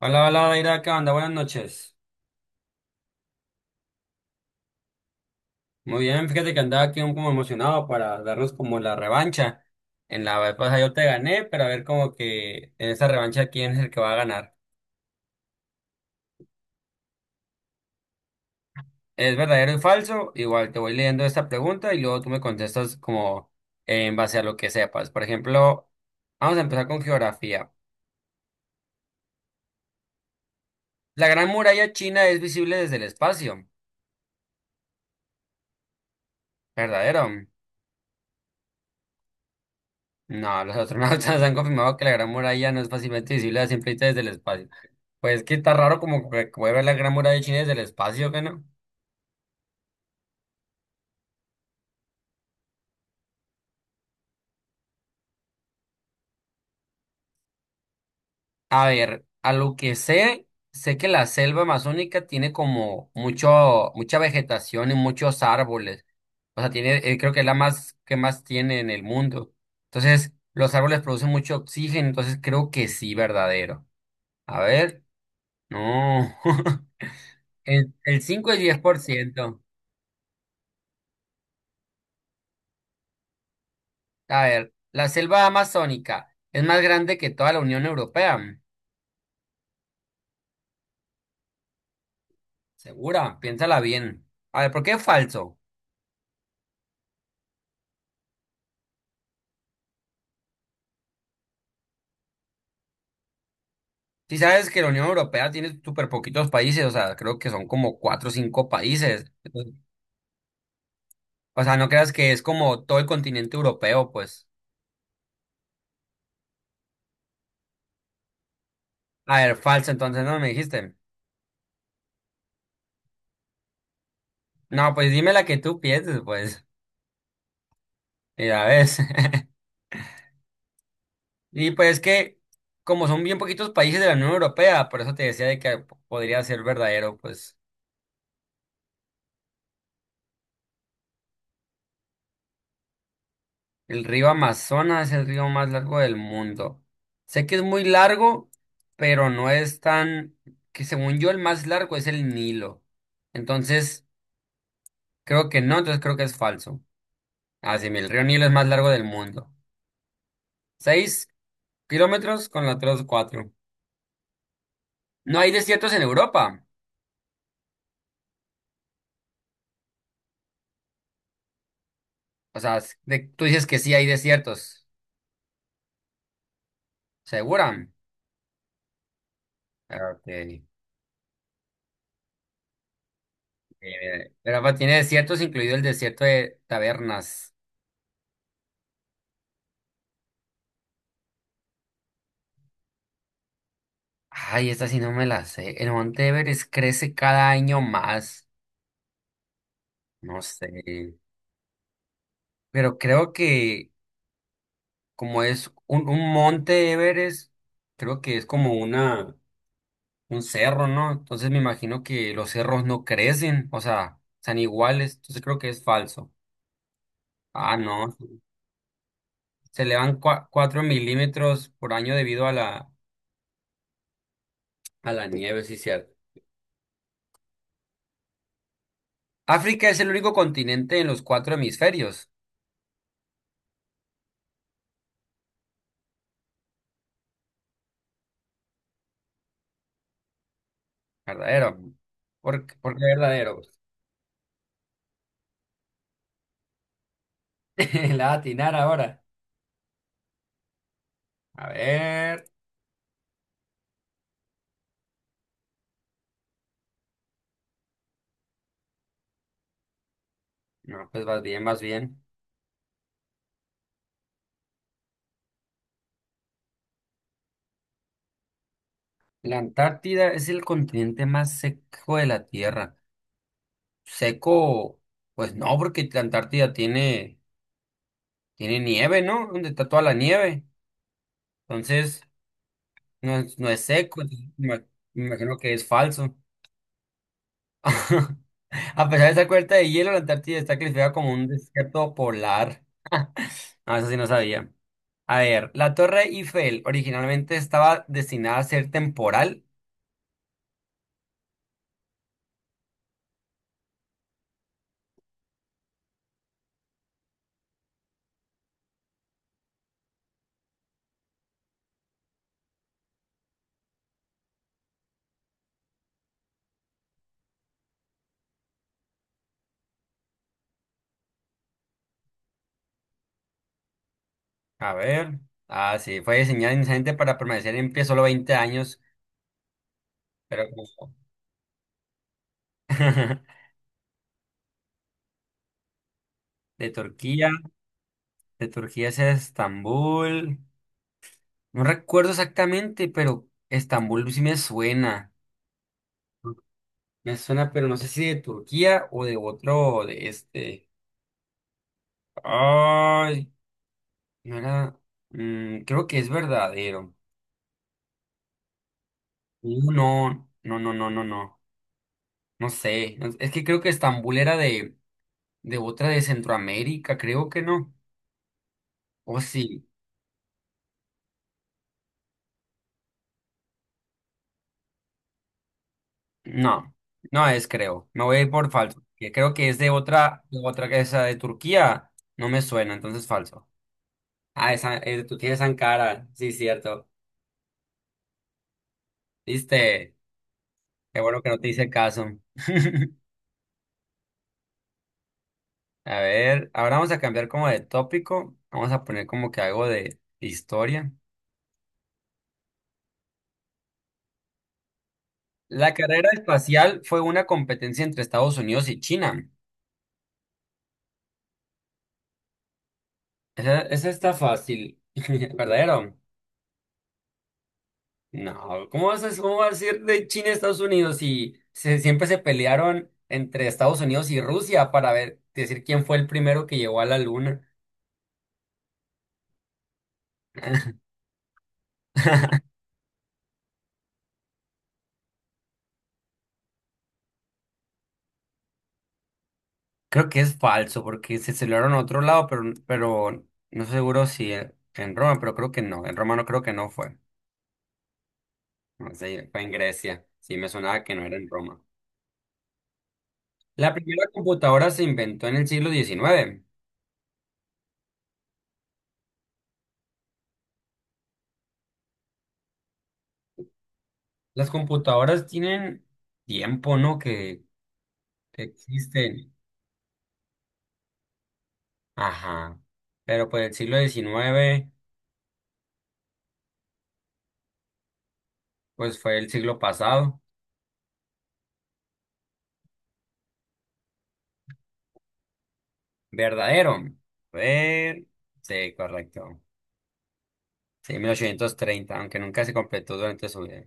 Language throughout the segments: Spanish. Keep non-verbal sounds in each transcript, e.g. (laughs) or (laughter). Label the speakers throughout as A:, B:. A: Hola, hola, Naira, ¿qué onda? Buenas noches. Muy bien, fíjate que andaba aquí un- como emocionado para darnos como la revancha. En la vez pasada yo te gané, pero a ver como que en esta revancha quién es el que va a ganar. ¿Es verdadero y falso? Igual te voy leyendo esta pregunta y luego tú me contestas como en base a lo que sepas. Por ejemplo, vamos a empezar con geografía. La Gran Muralla China es visible desde el espacio. ¿Verdadero? No, los astronautas (laughs) han confirmado que la Gran Muralla no es fácilmente visible a simple vista desde el espacio. Pues que está raro como que puede ver la Gran Muralla de China desde el espacio, ¿qué no? A ver, a lo que sé, sé que la selva amazónica tiene como mucha vegetación y muchos árboles. O sea, tiene, creo que es la más que más tiene en el mundo. Entonces, los árboles producen mucho oxígeno, entonces creo que sí, verdadero. A ver, no. (laughs) El 5 y 10%. A ver, la selva amazónica es más grande que toda la Unión Europea. Segura, piénsala bien. A ver, ¿por qué falso? Si sabes que la Unión Europea tiene súper poquitos países, o sea, creo que son como cuatro o cinco países. Entonces, o sea, no creas que es como todo el continente europeo, pues. A ver, falso, entonces no me dijiste. No, pues dime la que tú pienses, pues. Y la ves. (laughs) Y pues es que, como son bien poquitos países de la Unión Europea, por eso te decía de que podría ser verdadero, pues. El río Amazonas es el río más largo del mundo. Sé que es muy largo, pero no es tan, que según yo el más largo es el Nilo. Entonces, creo que no, entonces creo que es falso. Ah, sí, mira, el río Nilo es más largo del mundo. 6 kilómetros con la tres cuatro. No hay desiertos en Europa. O sea, s- de- tú dices que sí hay desiertos. ¿Segura? Ah, ok. Europa tiene desiertos, incluido el desierto de Tabernas. Ay, esta sí no me la sé. El Monte Everest crece cada año más. No sé. Pero creo que como es un Monte Everest, creo que es como una, un cerro, ¿no? Entonces me imagino que los cerros no crecen, o sea, están iguales. Entonces creo que es falso. Ah, no. Se elevan 4 mm por año debido a a la nieve, sí, cierto. África es el único continente en los cuatro hemisferios. Verdadero. Por qué verdadero? (laughs) La va a atinar ahora. A ver. No, pues vas bien, vas bien. La Antártida es el continente más seco de la Tierra. Seco, pues no, porque la Antártida tiene, tiene nieve, ¿no? Donde está toda la nieve. Entonces, no es, no es seco. Entonces, me imagino que es falso. (laughs) A pesar de esa cubierta de hielo, la Antártida está clasificada como un desierto polar. No, eso sí no sabía. A ver, la Torre Eiffel originalmente estaba destinada a ser temporal. A ver. Ah, sí, fue diseñada inicialmente para permanecer en pie solo 20 años, pero como- (laughs) de Turquía, de Turquía es Estambul. No recuerdo exactamente, pero Estambul sí me suena. Me suena, pero no sé si de Turquía o de otro de este. Ay, no era. Creo que es verdadero. No, no. No sé. No- Es que creo que Estambul era de otra de Centroamérica, creo que no. O sí. No, no es, creo. Me voy a ir por falso. Que creo que es de otra que esa de Turquía. No me suena, entonces falso. Ah, esa, tú tienes Ankara. Sí, cierto. ¿Viste? Qué bueno que no te hice caso. (laughs) A ver, ahora vamos a cambiar como de tópico. Vamos a poner como que algo de historia. La carrera espacial fue una competencia entre Estados Unidos y China. Esa está fácil. (laughs) ¿Verdadero? No, cómo vas a ir de China a Estados Unidos si se- siempre se pelearon entre Estados Unidos y Rusia para ver, decir quién fue el primero que llegó a la luna? (laughs) Creo que es falso porque se celebraron a otro lado, pero no estoy seguro si en, en Roma, pero creo que no. En Roma no creo que no fue. No sé, fue en Grecia. Sí, me sonaba que no era en Roma. La primera computadora se inventó en el siglo XIX. Las computadoras tienen tiempo, ¿no? Que existen. Ajá. Pero pues el siglo 19 pues fue el siglo pasado. Verdadero. Ver... Sí, correcto. Sí, 1830 aunque nunca se completó durante su vida.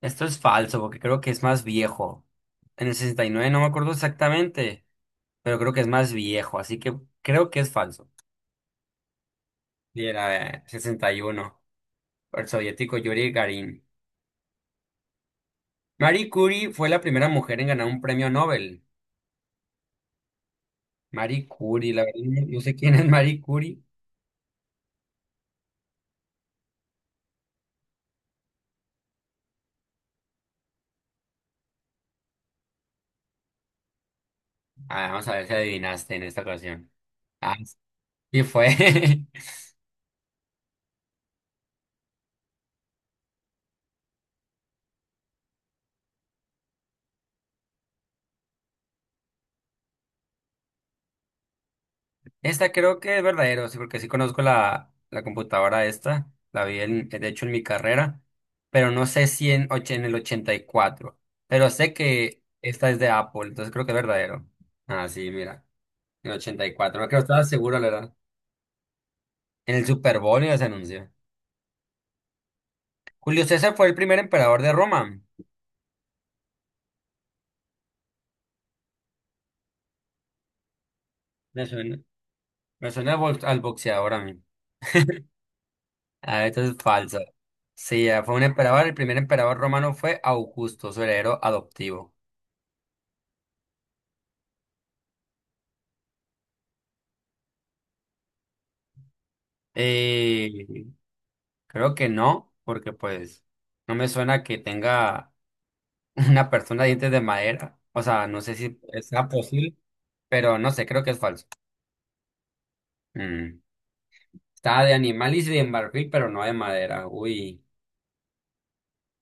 A: Esto es falso, porque creo que es más viejo. En el 69 no me acuerdo exactamente, pero creo que es más viejo, así que creo que es falso. Y era 61, por el soviético Yuri Garin. Marie Curie fue la primera mujer en ganar un premio Nobel. Marie Curie, la verdad, no sé quién es Marie Curie. Ah, vamos a ver si adivinaste en esta ocasión. Ah, sí fue. (laughs) Esta creo que es verdadero, sí, porque sí conozco la computadora esta. La vi, en- de hecho, en mi carrera, pero no sé si en, och- en el 84. Pero sé que esta es de Apple, entonces creo que es verdadero. Ah, sí, mira. En el 84 no creo, estaba seguro, la verdad. En el Super Bowl ya se anunció. Julio César fue el primer emperador de Roma. Me suena, me suena al box- al boxeador a mí. (laughs) Ah, esto es falso. Sí, ah, fue un emperador. El primer emperador romano fue Augusto, su heredero adoptivo. Eh, creo que no, porque pues no me suena que tenga (laughs) una persona de dientes de madera. O sea, no sé si sea posible, pero no sé, creo que es falso. Mm. Estaba de animal y de marfil, pero no de madera. Uy.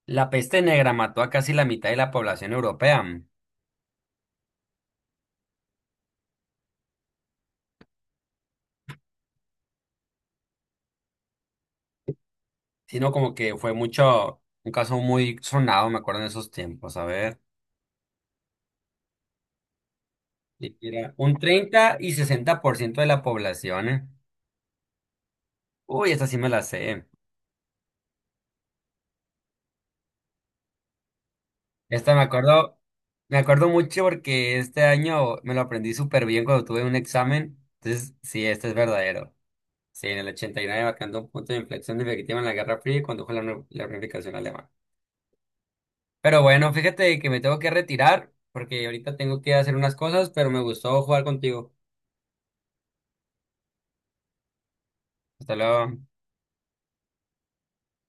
A: La peste negra mató a casi la mitad de la población europea, sino como que fue mucho, un caso muy sonado, me acuerdo en esos tiempos. A ver. Era un 30 y 60% de la población. ¿Eh? Uy, esta sí me la sé. Esta me acuerdo mucho porque este año me lo aprendí súper bien cuando tuve un examen. Entonces, sí, este es verdadero. Sí, en el 89 marcando un punto de inflexión definitiva en la Guerra Fría y condujo a nu- la unificación alemana. Pero bueno, fíjate que me tengo que retirar porque ahorita tengo que hacer unas cosas, pero me gustó jugar contigo. Hasta luego.